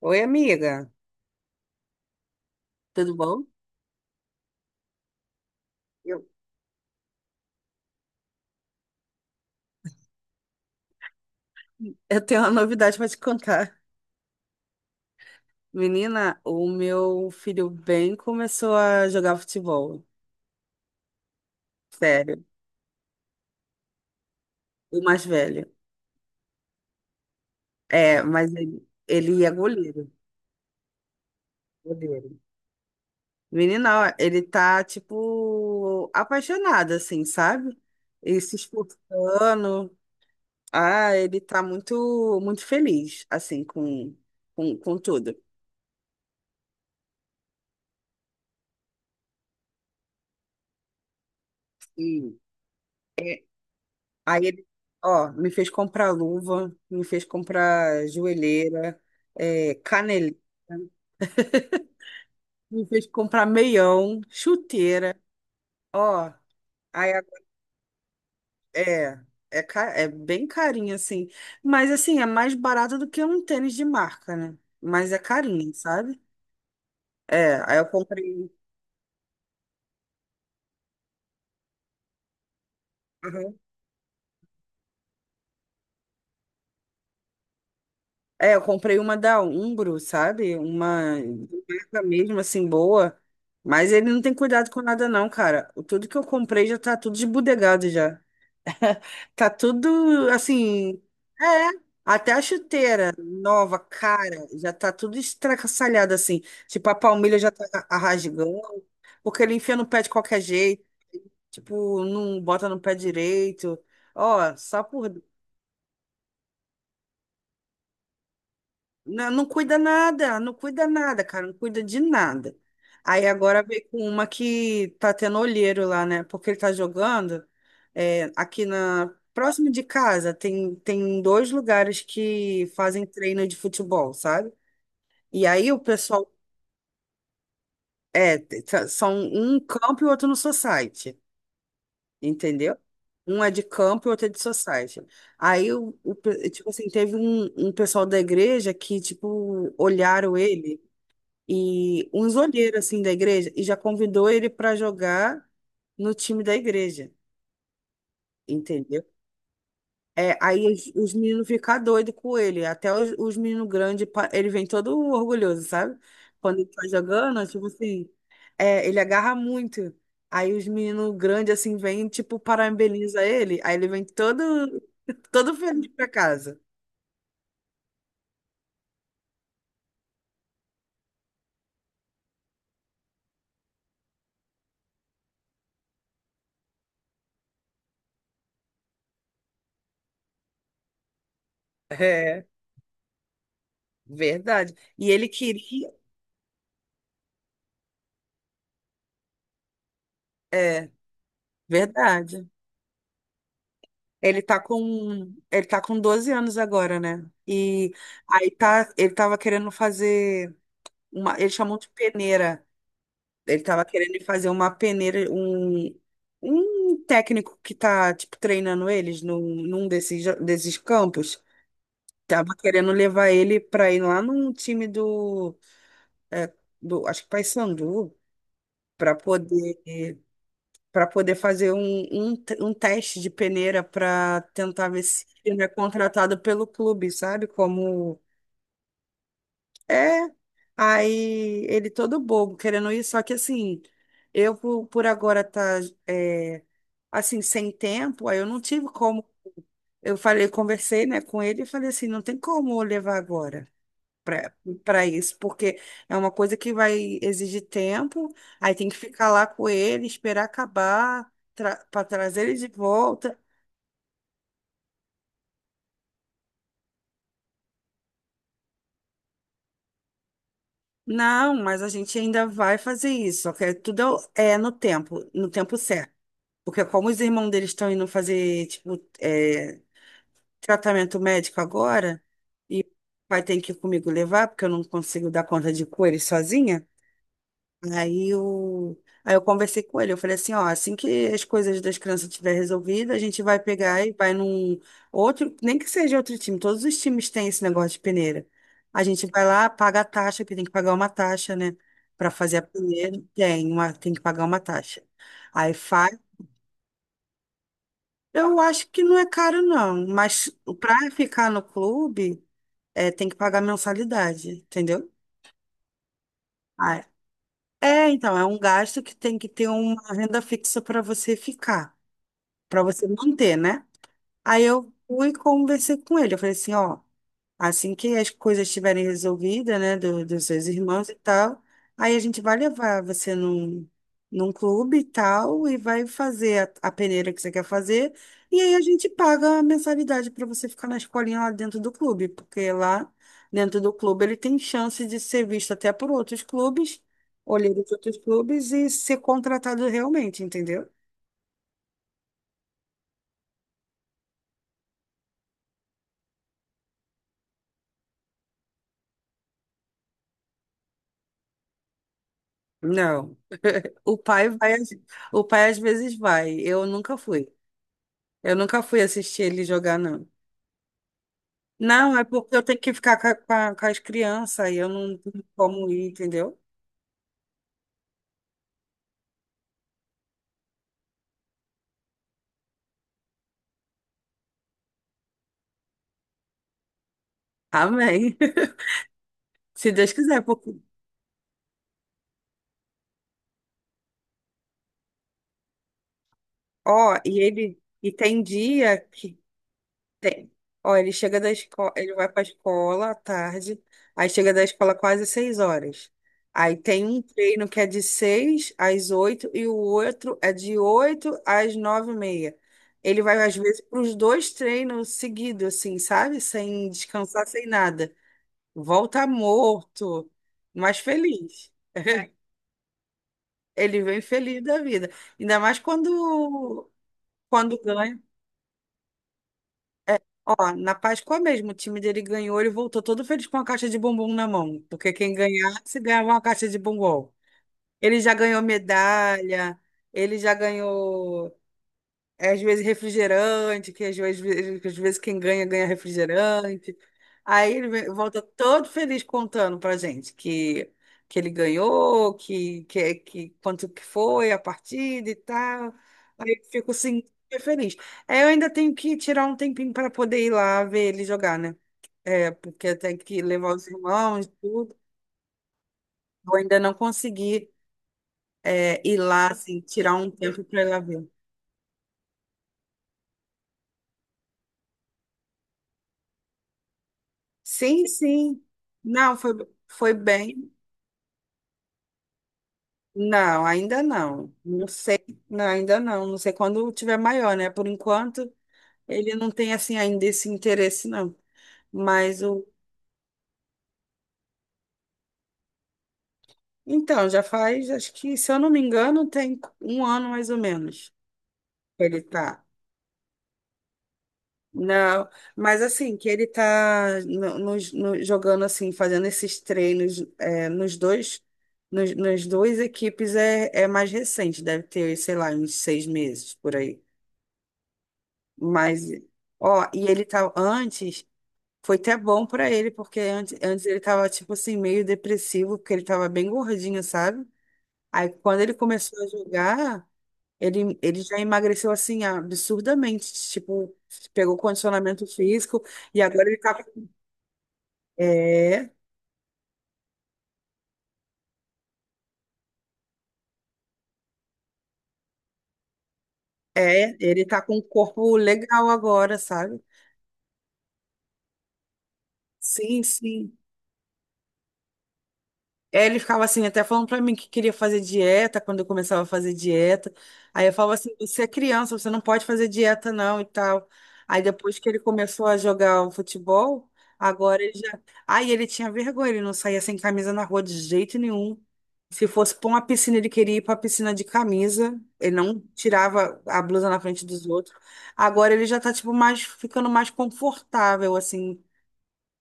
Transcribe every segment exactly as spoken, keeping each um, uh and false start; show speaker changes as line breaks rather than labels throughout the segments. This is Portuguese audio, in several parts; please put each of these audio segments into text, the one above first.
Oi, amiga. Tudo bom? Eu- Eu tenho uma novidade para te contar. Menina, o meu filho bem começou a jogar futebol. Sério. O mais velho. É, mas ele, ele é goleiro. Goleiro. Menina, ó, ele tá, tipo, apaixonado, assim, sabe? E se esforçando. Ah, ele tá muito, muito feliz, assim, com, com, com tudo. Aí ele, ó, me fez comprar luva, me fez comprar joelheira, é, caneleira, me fez comprar meião, chuteira, ó. Aí a- é, é, ca- É bem carinho, assim. Mas, assim, é mais barato do que um tênis de marca, né? Mas é carinho, sabe? É, aí eu comprei. É, eu comprei uma da Umbro, sabe? Uma marca mesmo, assim, boa. Mas ele não tem cuidado com nada, não, cara. O- Tudo que eu comprei já tá tudo desbudegado já. Tá tudo, assim. É. Até a chuteira nova, cara, já tá tudo estracassalhado, assim. Tipo, a palmilha já tá rasgando. Porque ele enfia no pé de qualquer jeito. Tipo, não bota no pé direito. Ó, só por Não, não cuida nada, não cuida nada, cara, não cuida de nada. Aí agora veio com uma que tá tendo olheiro lá, né? Porque ele tá jogando é, aqui na próximo de casa tem, tem dois lugares que fazem treino de futebol, sabe? E aí o pessoal é t- t- são um campo e outro no society, entendeu? Um é de campo e outro é de society. Aí o, o pe- tipo assim, teve um, um pessoal da igreja que tipo olharam ele e um olheiros assim da igreja e já convidou ele para jogar no time da igreja, entendeu? É, aí os, os meninos ficam doidos com ele, até os, os meninos grandes, pa- ele vem todo orgulhoso, sabe? Quando ele tá jogando, é tipo assim, é, ele agarra muito. Aí os meninos grandes assim vêm, tipo, parabeniza ele, aí ele vem todo, todo feliz pra casa. É, verdade. E ele queria, é, verdade. Ele tá com, ele tá com doze anos agora, né? E aí tá, ele tava querendo fazer uma, eles chamam de peneira. Ele tava querendo fazer uma peneira, um, um técnico que tá, tipo, treinando eles num, num desses, jo- desses campos. Tava querendo levar ele pra ir lá num time do, é, do acho que Paysandu, pra poder para poder fazer um, um, te- um teste de peneira para tentar ver se ele é contratado pelo clube, sabe? Como é. Aí ele todo bobo querendo ir, só que assim, eu por, por agora tá é, assim, sem tempo, aí eu não tive como. Eu falei, conversei, né, com ele e falei assim, não tem como eu levar agora para para isso, porque é uma coisa que vai exigir tempo, aí tem que ficar lá com ele, esperar acabar, tra para trazer ele de volta. Não, mas a gente ainda vai fazer isso, ok? Tudo é no tempo, no tempo certo. Porque como os irmãos deles estão indo fazer, tipo, é, tratamento médico agora, e vai ter que ir comigo levar, porque eu não consigo dar conta de cores sozinha. Aí eu, aí eu conversei com ele, eu falei assim, ó, assim que as coisas das crianças tiver resolvidas, a gente vai pegar e vai num outro, nem que seja outro time, todos os times têm esse negócio de peneira. A gente vai lá, paga a taxa, porque tem que pagar uma taxa, né? Para fazer a peneira, tem uma, tem que pagar uma taxa. Aí faz. Eu acho que não é caro, não, mas para ficar no clube, é, tem que pagar mensalidade, entendeu? Ah, é, então, é um gasto que tem que ter uma renda fixa para você ficar. Para você manter, né? Aí eu fui e conversei com ele. Eu falei assim, ó, assim que as coisas estiverem resolvidas, né, do, dos seus irmãos e tal, aí a gente vai levar você num, num clube e tal, e vai fazer a, a peneira que você quer fazer, e aí a gente paga a mensalidade para você ficar na escolinha lá dentro do clube, porque lá dentro do clube ele tem chance de ser visto até por outros clubes, olheiro de outros clubes e ser contratado realmente, entendeu? Não. O pai vai, às- o pai às vezes vai. Eu nunca fui. Eu nunca fui assistir ele jogar, não. Não, é porque eu tenho que ficar com, a- com a- com as crianças e eu não tenho como ir, entendeu? Amém. Se Deus quiser, porque, ó, e ele, e tem dia que tem. Ó, ele chega da escola, ele vai para a escola à tarde, aí chega da escola quase seis horas. Aí tem um treino que é de seis às oito e o outro é de oito às nove e meia. Ele vai, às vezes, para os dois treinos seguidos, assim, sabe? Sem descansar, sem nada. Volta morto, mas feliz. Ele vem feliz da vida. Ainda mais quando, quando ganha. É, ó, na Páscoa mesmo, o time dele ganhou, ele voltou todo feliz com uma caixa de bombom na mão, porque quem ganhasse ganhava uma caixa de bombom. Ele já ganhou medalha, ele já ganhou é, às vezes refrigerante, que às vezes, que às vezes quem ganha, ganha refrigerante. Aí ele vem- volta todo feliz contando pra gente que, que ele ganhou, que, que, que quanto que foi a partida e tal. Aí eu fico assim, super feliz. Aí eu ainda tenho que tirar um tempinho para poder ir lá ver ele jogar, né? É, porque eu tenho que levar os irmãos e tudo. Eu ainda não consegui, é, ir lá, assim, tirar um tempo para ir lá ver. Sim, sim. Não, foi, foi bem. Não, ainda não. Não sei, não, ainda não. Não sei quando tiver maior, né? Por enquanto, ele não tem assim ainda esse interesse, não. Mas o. Então, já faz, acho que, se eu não me engano, tem um ano mais ou menos que ele tá. Não, mas assim, que ele tá no, nos- no- jogando assim, fazendo esses treinos é, nos dois, nos, nas duas equipes é, é mais recente, deve ter, sei lá, uns seis meses por aí. Mas. Ó, e ele tá antes. Foi até bom pra ele, porque antes, antes ele tava, tipo assim, meio depressivo, porque ele tava bem gordinho, sabe? Aí quando ele começou a jogar, ele, ele já emagreceu, assim, absurdamente. Tipo, pegou condicionamento físico e agora ele tá. É, é, Ele tá com um corpo legal agora, sabe? Sim, sim. É, ele ficava assim, até falando pra mim que queria fazer dieta quando eu começava a fazer dieta. Aí eu falava assim: você é criança, você não pode fazer dieta não e tal. Aí depois que ele começou a jogar o futebol, agora ele já. Aí ele tinha vergonha, ele não saía sem camisa na rua de jeito nenhum. Se fosse pra uma piscina, ele queria ir pra piscina de camisa. Ele não tirava a blusa na frente dos outros. Agora ele já tá, tipo, mais, ficando mais confortável, assim,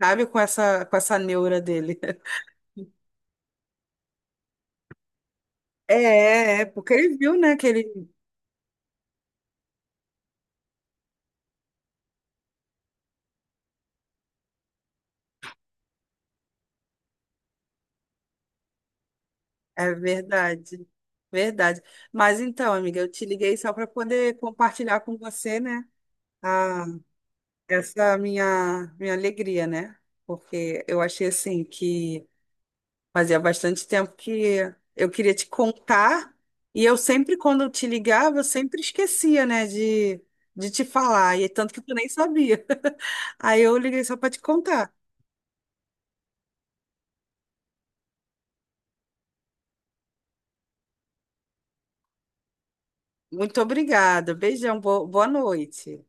sabe, com essa, com essa neura dele. É, é, porque ele viu, né, que ele... É verdade, verdade. Mas então, amiga, eu te liguei só para poder compartilhar com você, né, a, essa minha, minha alegria, né? Porque eu achei, assim, que fazia bastante tempo que eu queria te contar e eu sempre, quando eu te ligava, eu sempre esquecia, né, de, de te falar. E tanto que tu nem sabia. Aí eu liguei só para te contar. Muito obrigada. Beijão. bo- Boa noite.